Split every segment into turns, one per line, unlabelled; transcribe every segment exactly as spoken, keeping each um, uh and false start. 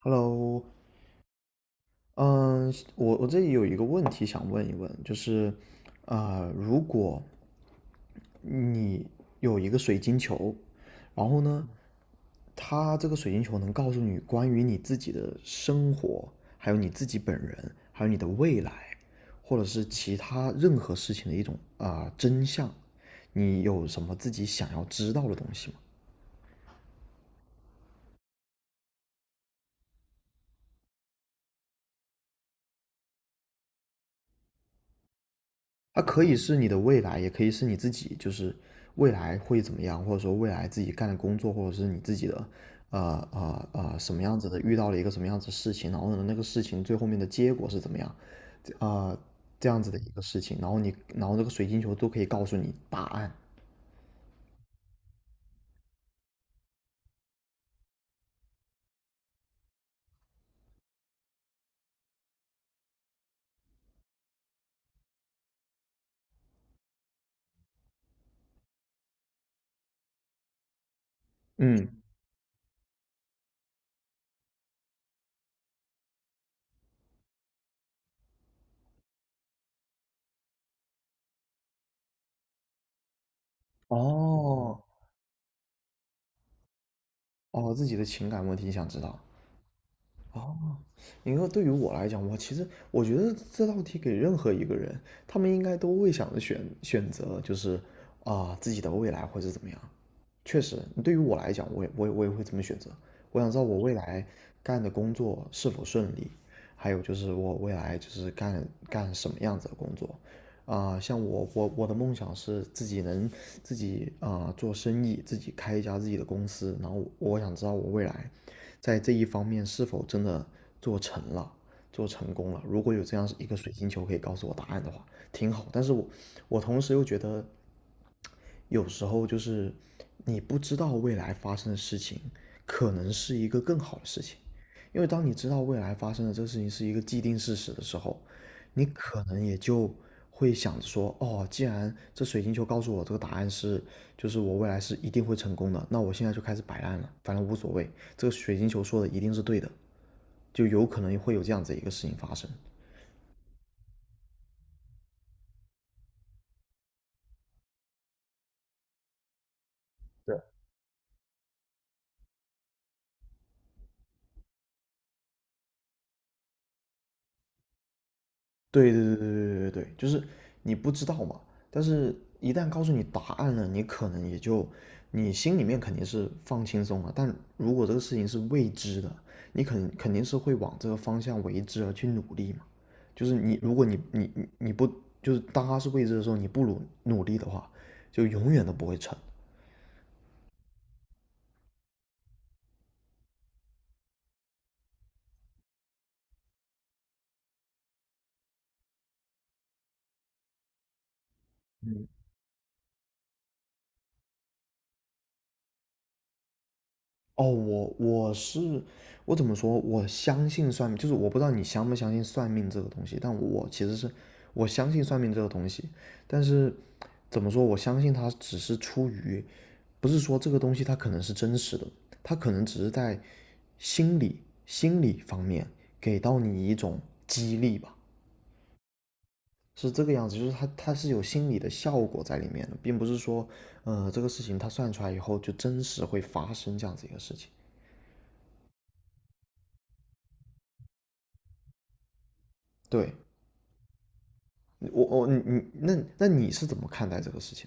Hello，嗯，我我这里有一个问题想问一问，就是，呃，如果你有一个水晶球，然后呢，它这个水晶球能告诉你关于你自己的生活，还有你自己本人，还有你的未来，或者是其他任何事情的一种啊、真相，你有什么自己想要知道的东西吗？它可以是你的未来，也可以是你自己，就是未来会怎么样，或者说未来自己干的工作，或者是你自己的，呃呃呃，什么样子的，遇到了一个什么样子的事情，然后呢，那个事情最后面的结果是怎么样，啊、呃，这样子的一个事情，然后你，然后这个水晶球都可以告诉你答案。嗯，哦哦，自己的情感问题你想知道？哦。你说对于我来讲，我其实我觉得这道题给任何一个人，他们应该都会想着选选择，就是啊、呃自己的未来或者怎么样。确实，对于我来讲，我也我也我也会这么选择。我想知道我未来干的工作是否顺利，还有就是我未来就是干干什么样子的工作。啊、像我我我的梦想是自己能自己啊、做生意，自己开一家自己的公司。然后我我想知道我未来在这一方面是否真的做成了，做成功了。如果有这样一个水晶球可以告诉我答案的话，挺好。但是我我同时又觉得有时候就是你不知道未来发生的事情，可能是一个更好的事情，因为当你知道未来发生的这个事情是一个既定事实的时候，你可能也就会想着说，哦，既然这水晶球告诉我这个答案是，就是我未来是一定会成功的，那我现在就开始摆烂了，反正无所谓，这个水晶球说的一定是对的，就有可能会有这样子一个事情发生。对对对对对对对，就是你不知道嘛，但是一旦告诉你答案了，你可能也就你心里面肯定是放轻松了，但如果这个事情是未知的，你肯肯定是会往这个方向为之而去努力嘛。就是你，如果你你你你不就是当它是未知的时候，你不努努力的话，就永远都不会成。哦，我我是我怎么说？我相信算命，就是我不知道你相不相信算命这个东西，但我其实是我相信算命这个东西，但是怎么说？我相信它只是出于，不是说这个东西它可能是真实的，它可能只是在心理心理方面给到你一种激励吧，是这个样子，就是它它是有心理的效果在里面的，并不是说，呃，这个事情它算出来以后就真实会发生这样子一个事情，对。我我你你那那你是怎么看待这个事情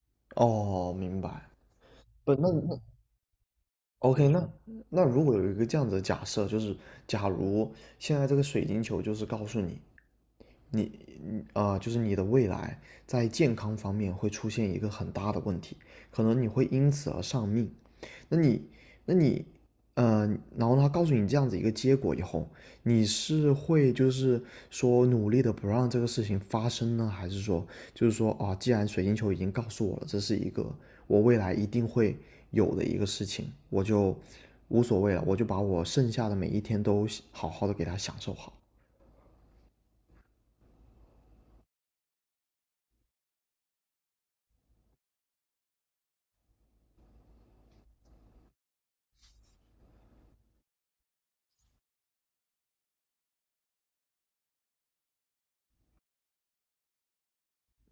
的？哦，明白。不，那那 OK，那那如果有一个这样子的假设，就是假如现在这个水晶球就是告诉你，你你啊、就是你的未来在健康方面会出现一个很大的问题，可能你会因此而丧命。那你，那你，呃，然后他告诉你这样子一个结果以后，你是会就是说努力的不让这个事情发生呢，还是说就是说啊，既然水晶球已经告诉我了，这是一个我未来一定会有的一个事情，我就无所谓了，我就把我剩下的每一天都好好的给他享受好。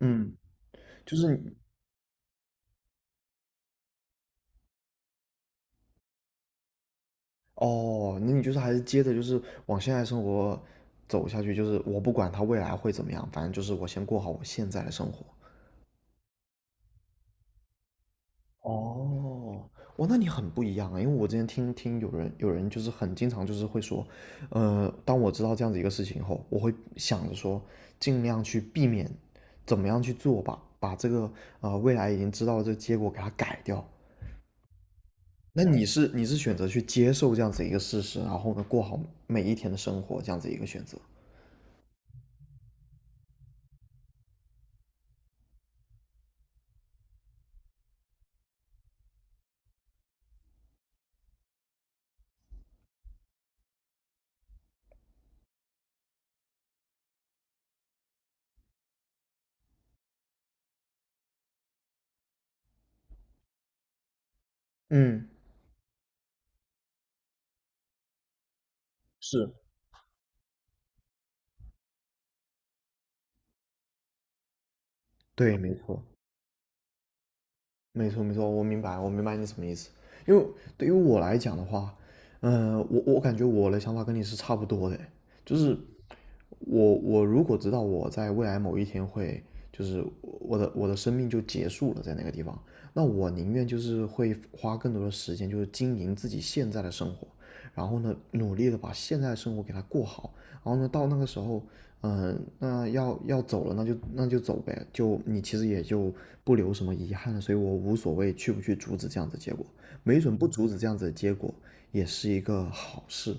嗯，就是你哦，那你就是还是接着就是往现在生活走下去，就是我不管他未来会怎么样，反正就是我先过好我现在的生活。哦，哇，那你很不一样啊！因为我之前听听有人有人就是很经常就是会说，呃，当我知道这样子一个事情后，我会想着说，尽量去避免，怎么样去做吧，把这个呃未来已经知道的这个结果给它改掉。那你是你是选择去接受这样子一个事实，然后呢过好每一天的生活这样子一个选择。嗯，是。对，没错。没错，没错，我明白，我明白你什么意思。因为对于我来讲的话，嗯、我我感觉我的想法跟你是差不多的，就是我我如果知道我在未来某一天会，就是我的我的生命就结束了在那个地方，那我宁愿就是会花更多的时间，就是经营自己现在的生活，然后呢，努力的把现在的生活给它过好，然后呢，到那个时候，嗯、呃那要要走了，那就那就走呗，就你其实也就不留什么遗憾了，所以我无所谓去不去阻止这样子的结果，没准不阻止这样子的结果也是一个好事。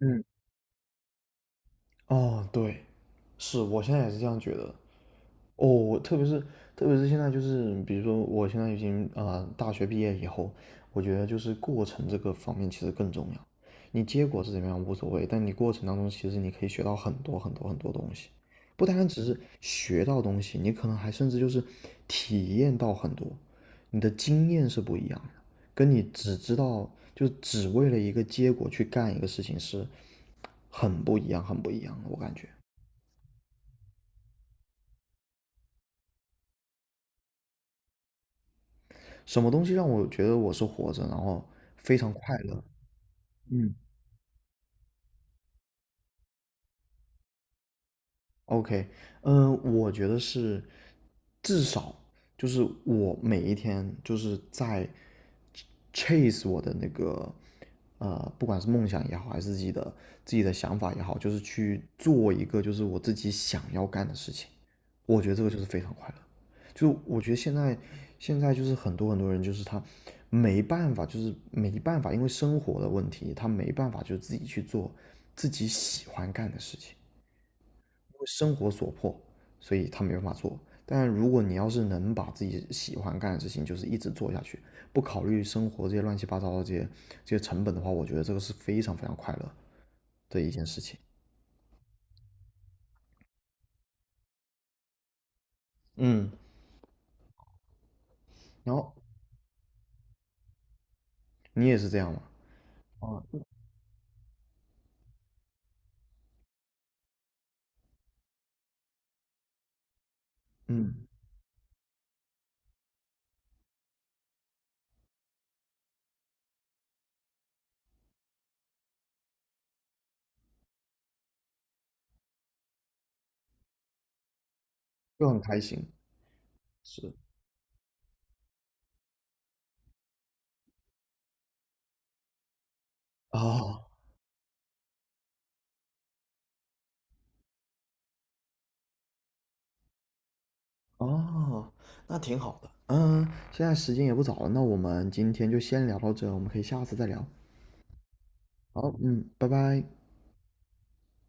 嗯。哦，对，是我现在也是这样觉得。哦，我特别是特别是现在就是，比如说我现在已经啊、呃大学毕业以后，我觉得就是过程这个方面其实更重要。你结果是怎么样无所谓，但你过程当中其实你可以学到很多很多很多东西，不单单只是学到东西，你可能还甚至就是体验到很多，你的经验是不一样的，跟你只知道就只为了一个结果去干一个事情是很不一样，很不一样的，我感觉。什么东西让我觉得我是活着，然后非常快乐？嗯，OK，嗯，我觉得是至少就是我每一天就是在 chase 我的那个呃，不管是梦想也好，还是自己的自己的想法也好，就是去做一个就是我自己想要干的事情。我觉得这个就是非常快乐。就我觉得现在现在就是很多很多人就是他没办法，就是没办法，因为生活的问题，他没办法就自己去做自己喜欢干的事情，因为生活所迫，所以他没办法做。但如果你要是能把自己喜欢干的事情，就是一直做下去，不考虑生活这些乱七八糟的这些这些成本的话，我觉得这个是非常非常快乐的一件事情。嗯，然后你也是这样吗？啊，嗯，就很开心。是。哦哦，那挺好的。嗯，现在时间也不早了，那我们今天就先聊到这，我们可以下次再聊。好，嗯，拜拜。